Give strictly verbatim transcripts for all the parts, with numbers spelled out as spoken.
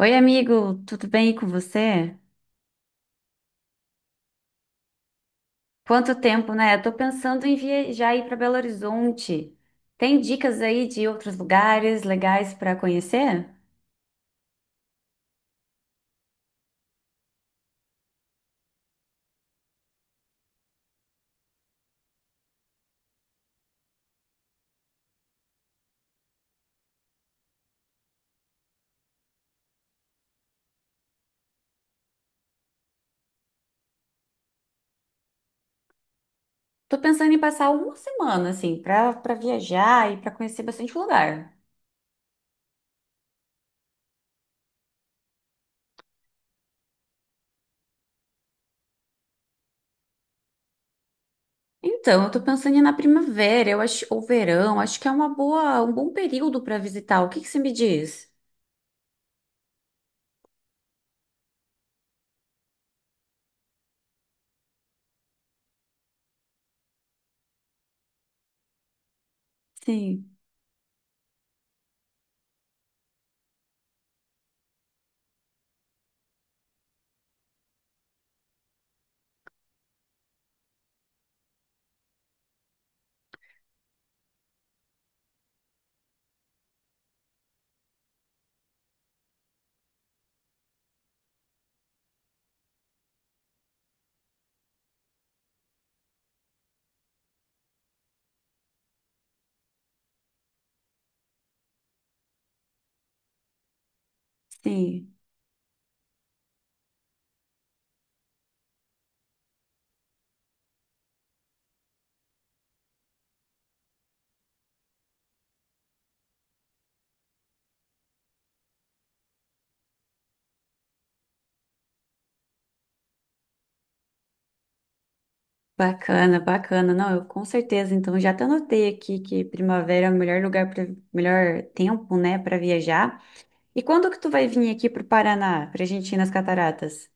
Oi, amigo, tudo bem com você? Quanto tempo, né? Eu tô pensando em viajar aí para Belo Horizonte. Tem dicas aí de outros lugares legais para conhecer? Tô pensando em passar uma semana assim para para viajar e para conhecer bastante lugar. Então, eu tô pensando em ir na primavera, eu acho, ou verão, acho que é uma boa, um bom período para visitar. O que que você me diz? Sim, sim. Bacana, bacana. Não, eu com certeza. Então, já até anotei aqui que primavera é o melhor lugar para melhor tempo, né, para viajar. E quando que tu vai vir aqui para o Paraná, para a gente ir nas cataratas?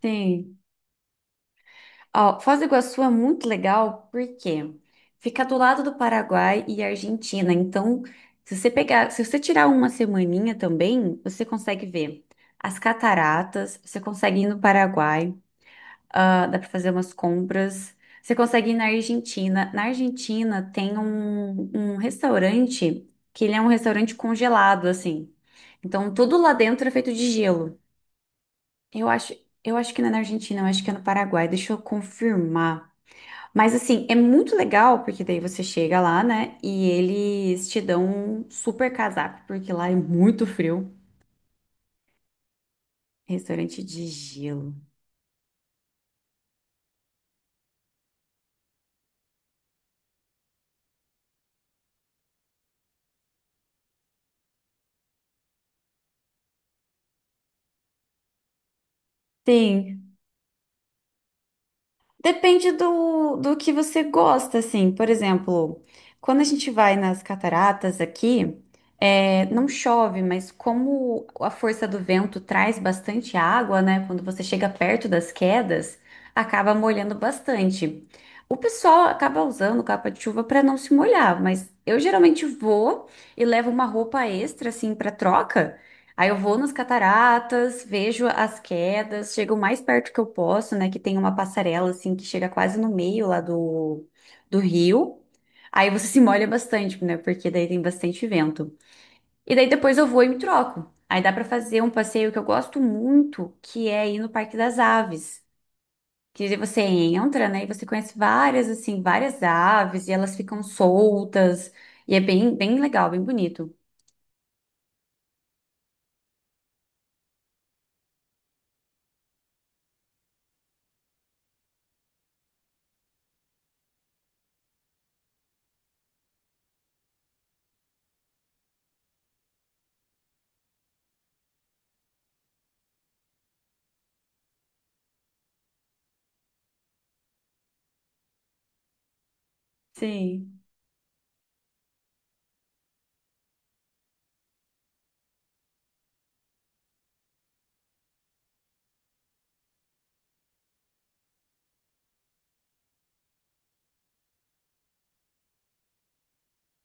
Sim. Ó, Foz do Iguaçu é muito legal porque fica do lado do Paraguai e Argentina. Então, se você pegar, se você tirar uma semaninha também, você consegue ver as cataratas, você consegue ir no Paraguai. Ah, dá para fazer umas compras. Você consegue ir na Argentina. Na Argentina tem um, um restaurante que ele é um restaurante congelado, assim. Então tudo lá dentro é feito de gelo. Eu acho, eu acho que não é na Argentina, eu acho que é no Paraguai. Deixa eu confirmar. Mas assim, é muito legal porque daí você chega lá, né? E eles te dão um super casaco, porque lá é muito frio. Restaurante de gelo. Tem. Depende do, do que você gosta, assim. Por exemplo, quando a gente vai nas cataratas aqui, é, não chove, mas como a força do vento traz bastante água, né? Quando você chega perto das quedas, acaba molhando bastante. O pessoal acaba usando capa de chuva para não se molhar, mas eu geralmente vou e levo uma roupa extra, assim, para troca. Aí eu vou nas cataratas, vejo as quedas, chego o mais perto que eu posso, né? Que tem uma passarela assim que chega quase no meio lá do, do rio. Aí você se molha bastante, né? Porque daí tem bastante vento. E daí depois eu vou e me troco. Aí dá pra fazer um passeio que eu gosto muito, que é ir no Parque das Aves. Que daí você entra, né? E você conhece várias, assim, várias aves e elas ficam soltas. E é bem, bem legal, bem bonito. Sim.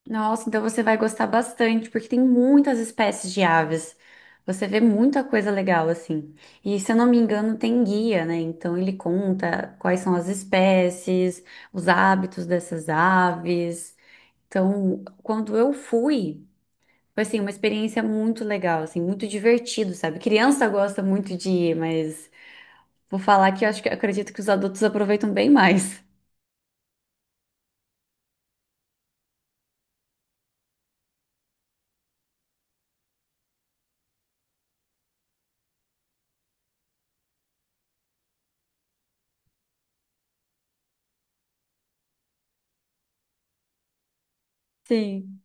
Nossa, então você vai gostar bastante, porque tem muitas espécies de aves. Você vê muita coisa legal assim. E se eu não me engano, tem guia, né? Então ele conta quais são as espécies, os hábitos dessas aves. Então, quando eu fui, foi assim, uma experiência muito legal, assim, muito divertido, sabe? Criança gosta muito de ir, mas vou falar que eu acho que acredito que os adultos aproveitam bem mais. Sim,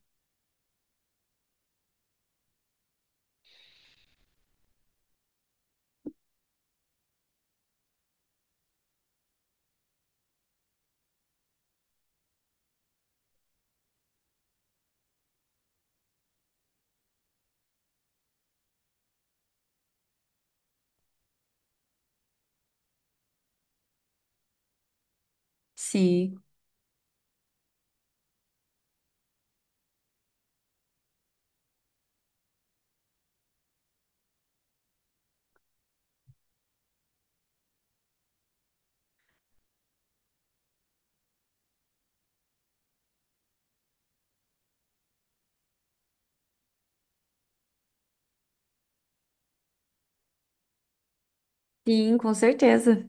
sim, sim, com certeza.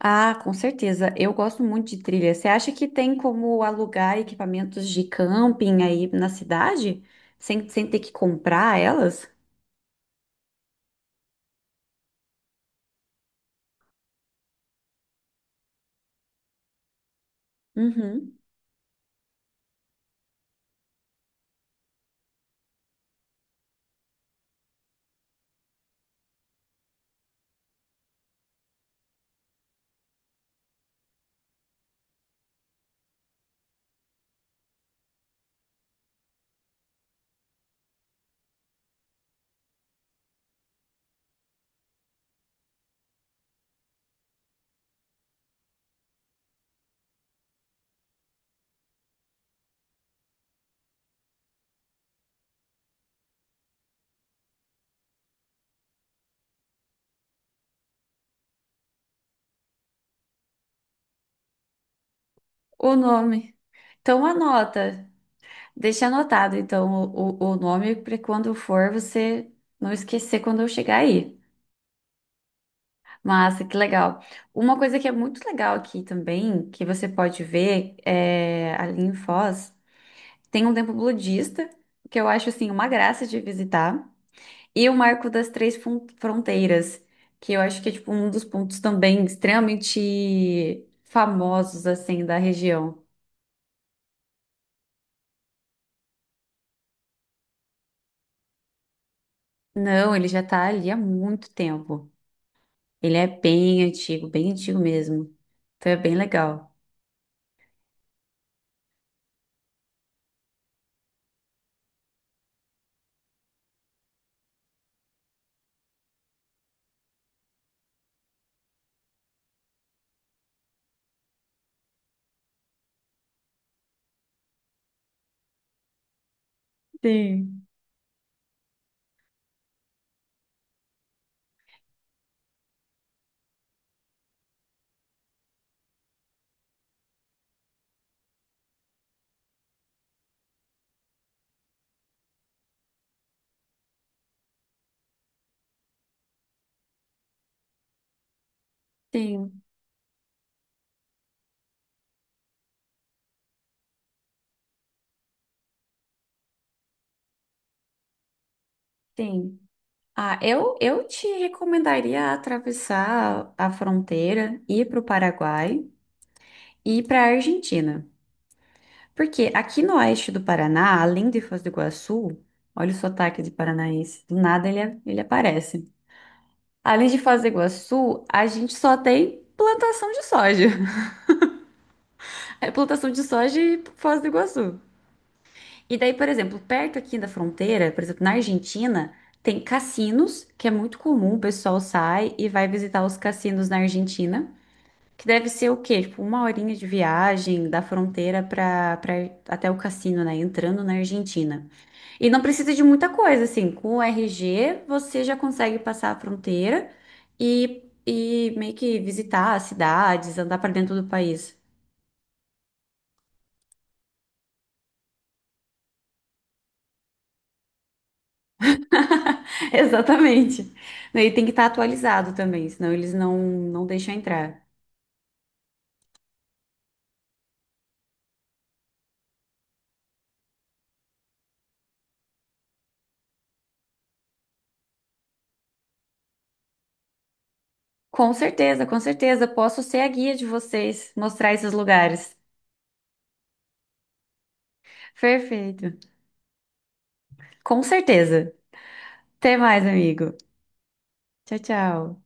Ah, com certeza. Eu gosto muito de trilha. Você acha que tem como alugar equipamentos de camping aí na cidade? Sem, sem ter que comprar elas? Uhum. O nome. Então anota. Deixa anotado, então, o, o o nome para quando for você não esquecer quando eu chegar aí. Massa, que legal. Uma coisa que é muito legal aqui também, que você pode ver, é, ali em Foz, tem um templo budista, que eu acho, assim, uma graça de visitar. E o marco das três fron- fronteiras, que eu acho que é tipo um dos pontos também extremamente famosos assim da região. Não, ele já tá ali há muito tempo. Ele é bem antigo, bem antigo mesmo. Então é bem legal. Sim, sim, sim. Ah, eu, eu te recomendaria atravessar a fronteira, ir para o Paraguai e ir para a Argentina. Porque aqui no oeste do Paraná, além de Foz do Iguaçu, olha o sotaque de paranaense, do nada ele, ele aparece. Além de Foz do Iguaçu, a gente só tem plantação de soja. É plantação de soja e Foz do Iguaçu. E daí, por exemplo, perto aqui da fronteira, por exemplo, na Argentina, tem cassinos, que é muito comum, o pessoal sai e vai visitar os cassinos na Argentina. Que deve ser o quê? Tipo, uma horinha de viagem da fronteira para até o cassino, né? Entrando na Argentina. E não precisa de muita coisa, assim, com o R G você já consegue passar a fronteira e, e meio que visitar as cidades, andar para dentro do país. Exatamente. E tem que estar atualizado também, senão eles não, não deixam entrar. Com certeza, com certeza. Posso ser a guia de vocês, mostrar esses lugares. Perfeito. Com certeza. Até mais, amigo. Tchau, tchau.